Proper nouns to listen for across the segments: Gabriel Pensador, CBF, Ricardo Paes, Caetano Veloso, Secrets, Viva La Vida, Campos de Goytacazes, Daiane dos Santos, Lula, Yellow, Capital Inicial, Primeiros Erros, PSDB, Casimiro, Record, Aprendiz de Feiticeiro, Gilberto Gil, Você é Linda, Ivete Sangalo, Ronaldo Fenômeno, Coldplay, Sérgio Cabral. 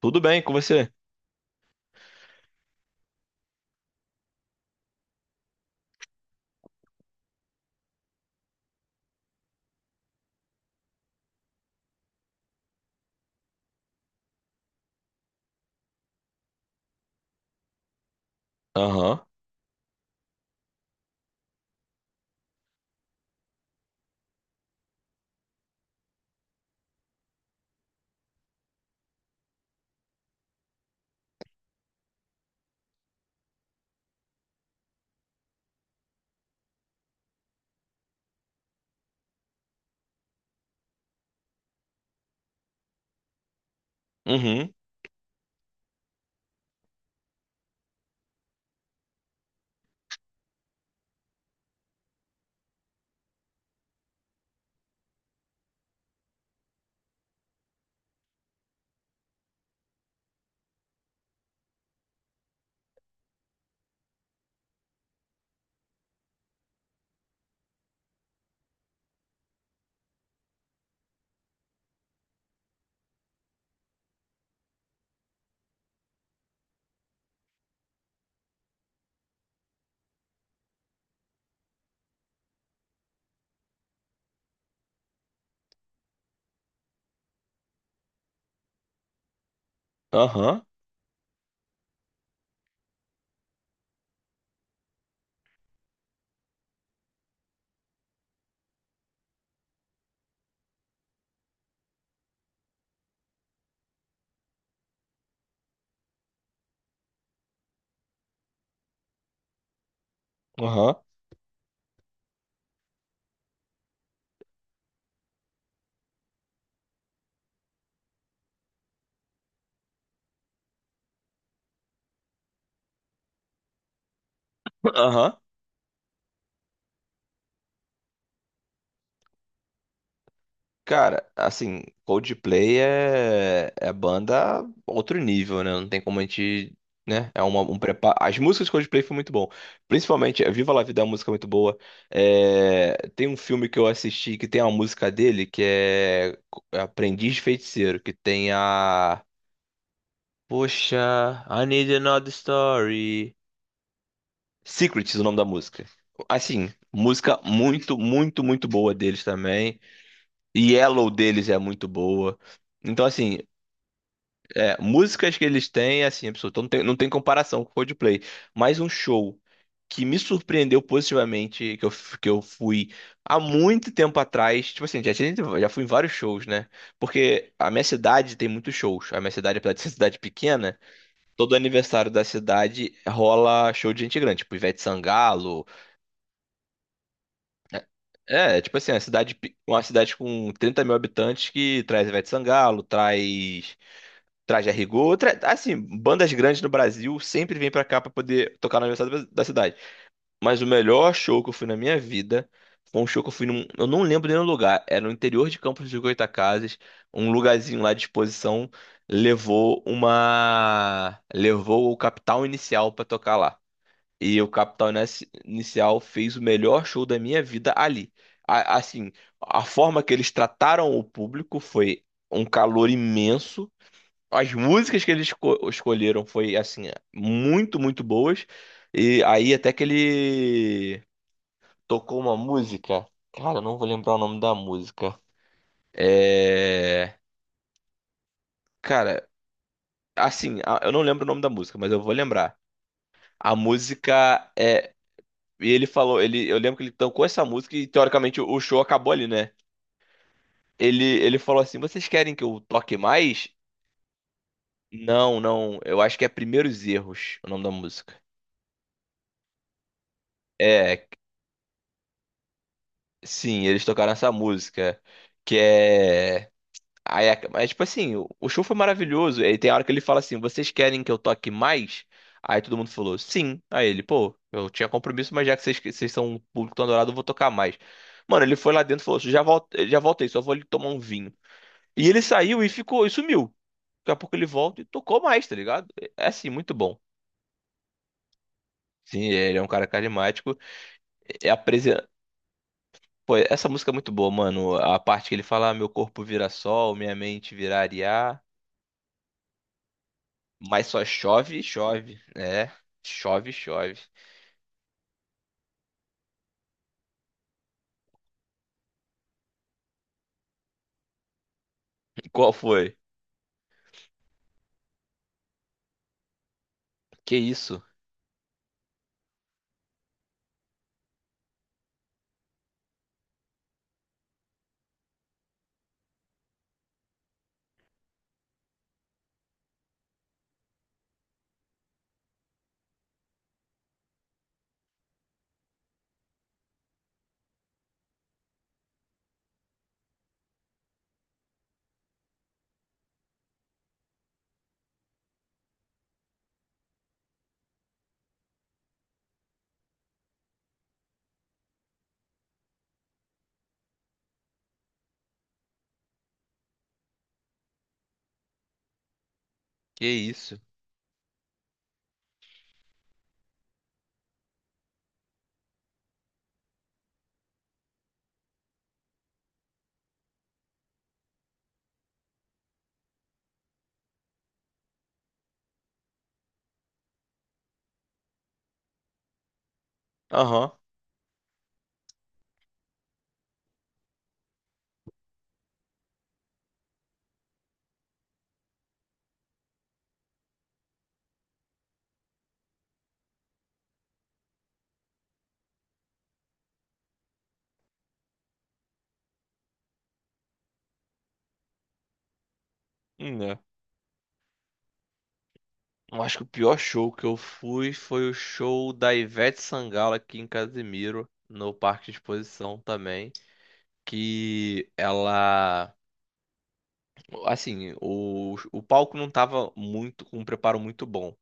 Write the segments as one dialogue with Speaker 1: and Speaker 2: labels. Speaker 1: Tudo bem com você? Aham, uhum, aham, aham, aham. Cara, assim, Coldplay é banda outro nível, né? Não tem como a gente, né? Um preparo. As músicas de Coldplay foi muito bom. Principalmente, Viva La Vida é uma música muito boa. É, Tem um filme que eu assisti que tem uma música dele que é Aprendiz de Feiticeiro, que tem a... Poxa, I need another story. Secrets, o nome da música. Assim, música muito, muito, muito boa deles também. Yellow deles é muito boa. Então, assim, é, músicas que eles têm, assim, absoluto, não tem, não tem comparação com o Coldplay. Mas um show que me surpreendeu positivamente, que que eu fui há muito tempo atrás. Tipo assim, já fui em vários shows, né? Porque a minha cidade tem muitos shows. A minha cidade, apesar de ser cidade pequena, todo aniversário da cidade rola show de gente grande, tipo Ivete Sangalo. É, é tipo assim, uma cidade, uma cidade com 30.000 habitantes que traz Ivete Sangalo, traz, traz Django, tra... assim, bandas grandes no Brasil sempre vêm pra cá pra poder tocar no aniversário da cidade. Mas o melhor show que eu fui na minha vida foi um show que eu fui num, eu não lembro nem o lugar, era no interior de Campos de Goytacazes, um lugarzinho lá de exposição, levou o Capital Inicial pra tocar lá. E o Capital Inicial fez o melhor show da minha vida ali. Assim, a forma que eles trataram o público foi um calor imenso. As músicas que eles escolheram foi assim, muito, muito boas. E aí até que ele tocou uma música. Cara, eu não vou lembrar o nome da música. É, cara, assim, eu não lembro o nome da música, mas eu vou lembrar. A música é... E ele falou, ele, eu lembro que ele tocou essa música e teoricamente o show acabou ali, né? Ele falou assim: "Vocês querem que eu toque mais?" Não, não, eu acho que é Primeiros Erros, o nome da música. É, sim, eles tocaram essa música, que é aí, é- mas tipo assim, o show foi maravilhoso. Aí tem hora que ele fala assim: "Vocês querem que eu toque mais?" Aí todo mundo falou: "Sim". Aí ele, pô, eu tinha compromisso, mas já que vocês são um público tão adorado, eu vou tocar mais. Mano, ele foi lá dentro e falou: já voltei, só vou ali tomar um vinho." E ele saiu e ficou, e sumiu. Daqui a pouco ele volta e tocou mais, tá ligado? É assim, muito bom. Sim, ele é um cara carismático. É a presen- Pô, essa música é muito boa, mano. A parte que ele fala, "Ah, meu corpo vira sol, minha mente vira areia, mas só chove, e chove. É, chove, e chove." Qual foi? Que isso? Que isso? Aham. É. Eu acho que o pior show que eu fui foi o show da Ivete Sangalo aqui em Casimiro, no Parque de Exposição também. Que ela, assim, o palco não tava muito com um preparo muito bom.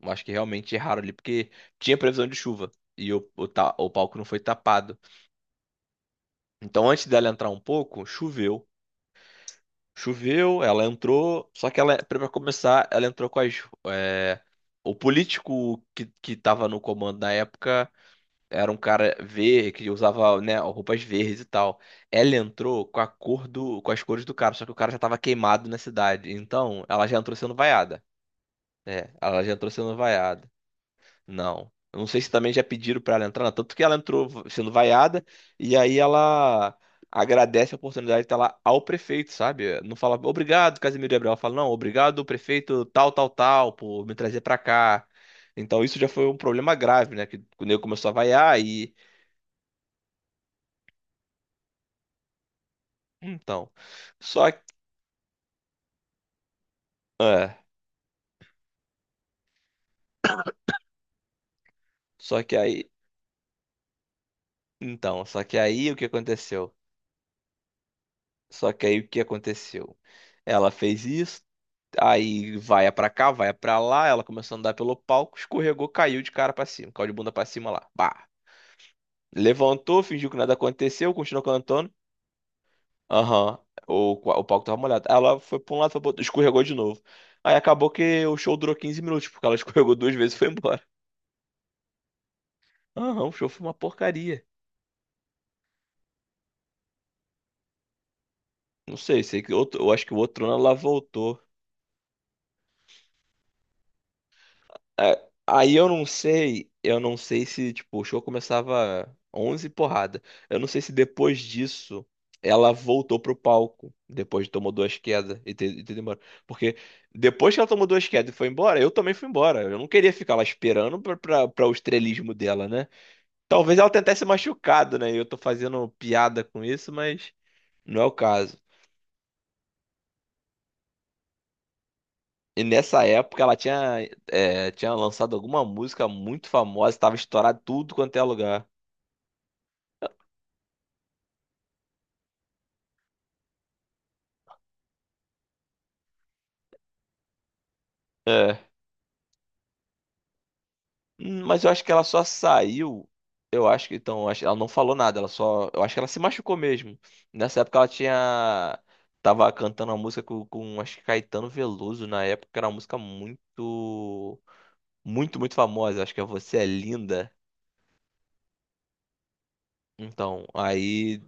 Speaker 1: Eu acho que realmente erraram ali porque tinha previsão de chuva e o palco não foi tapado. Então antes dela entrar um pouco, choveu. Choveu, ela entrou, só que ela, para começar, ela entrou com é, o político que tava no comando na época. Era um cara verde que usava, né, roupas verdes e tal. Ela entrou com a cor do, com as cores do cara, só que o cara já tava queimado na cidade. Então, ela já entrou sendo vaiada. É, ela já entrou sendo vaiada. Não. Eu não sei se também já pediram pra ela entrar, não. Tanto que ela sendo vaiada e aí ela agradece a oportunidade de estar lá ao prefeito, sabe? Não fala obrigado, Casimiro Gabriel. Ela fala, não, obrigado, prefeito tal, tal, tal, por me trazer pra cá. Então, isso já foi um problema grave, né? Que o nego começou a vaiar e... Então, só que, é, só que aí, então, só que aí o que aconteceu? Só que aí o que aconteceu? Ela fez isso, aí vai pra cá, vai pra lá, ela começou a andar pelo palco, escorregou, caiu de cara pra cima, caiu de bunda pra cima lá. Bah. Levantou, fingiu que nada aconteceu, continuou cantando. Aham. O palco tava molhado. Ela foi pra um lado, foi pro outro, escorregou de novo. Aí acabou que o show durou 15 minutos, porque ela escorregou duas vezes e foi embora. Aham, o show foi uma porcaria. Não sei, sei que outro, eu acho que o outro ano ela voltou. É, aí eu não sei se, tipo, o show começava 11 porrada. Eu não sei se depois disso ela voltou pro palco, depois de tomou duas quedas e ter demorado. Porque depois que ela tomou duas quedas e foi embora, eu também fui embora. Eu não queria ficar lá esperando pra o estrelismo dela, né? Talvez ela tentar se machucado, né? E eu tô fazendo piada com isso, mas não é o caso. E nessa época ela tinha, é, tinha lançado alguma música muito famosa, estava estourado tudo quanto é lugar. É. Mas eu acho que ela só saiu. Eu acho que então, eu acho- Ela não falou nada, ela só... Eu acho que ela se machucou mesmo. Nessa época ela tinha. Tava cantando uma música com acho que Caetano Veloso na época, que era uma música muito. Muito, muito famosa. Acho que é Você é Linda. Então, aí.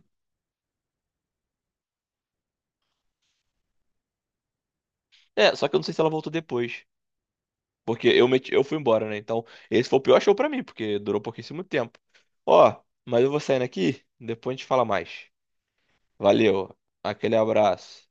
Speaker 1: É, só que eu não sei se ela voltou depois. Porque eu meti, eu fui embora, né? Então, esse foi o pior show pra mim, porque durou pouquíssimo tempo. Ó, mas eu vou saindo aqui, depois a gente fala mais. Valeu, aquele abraço.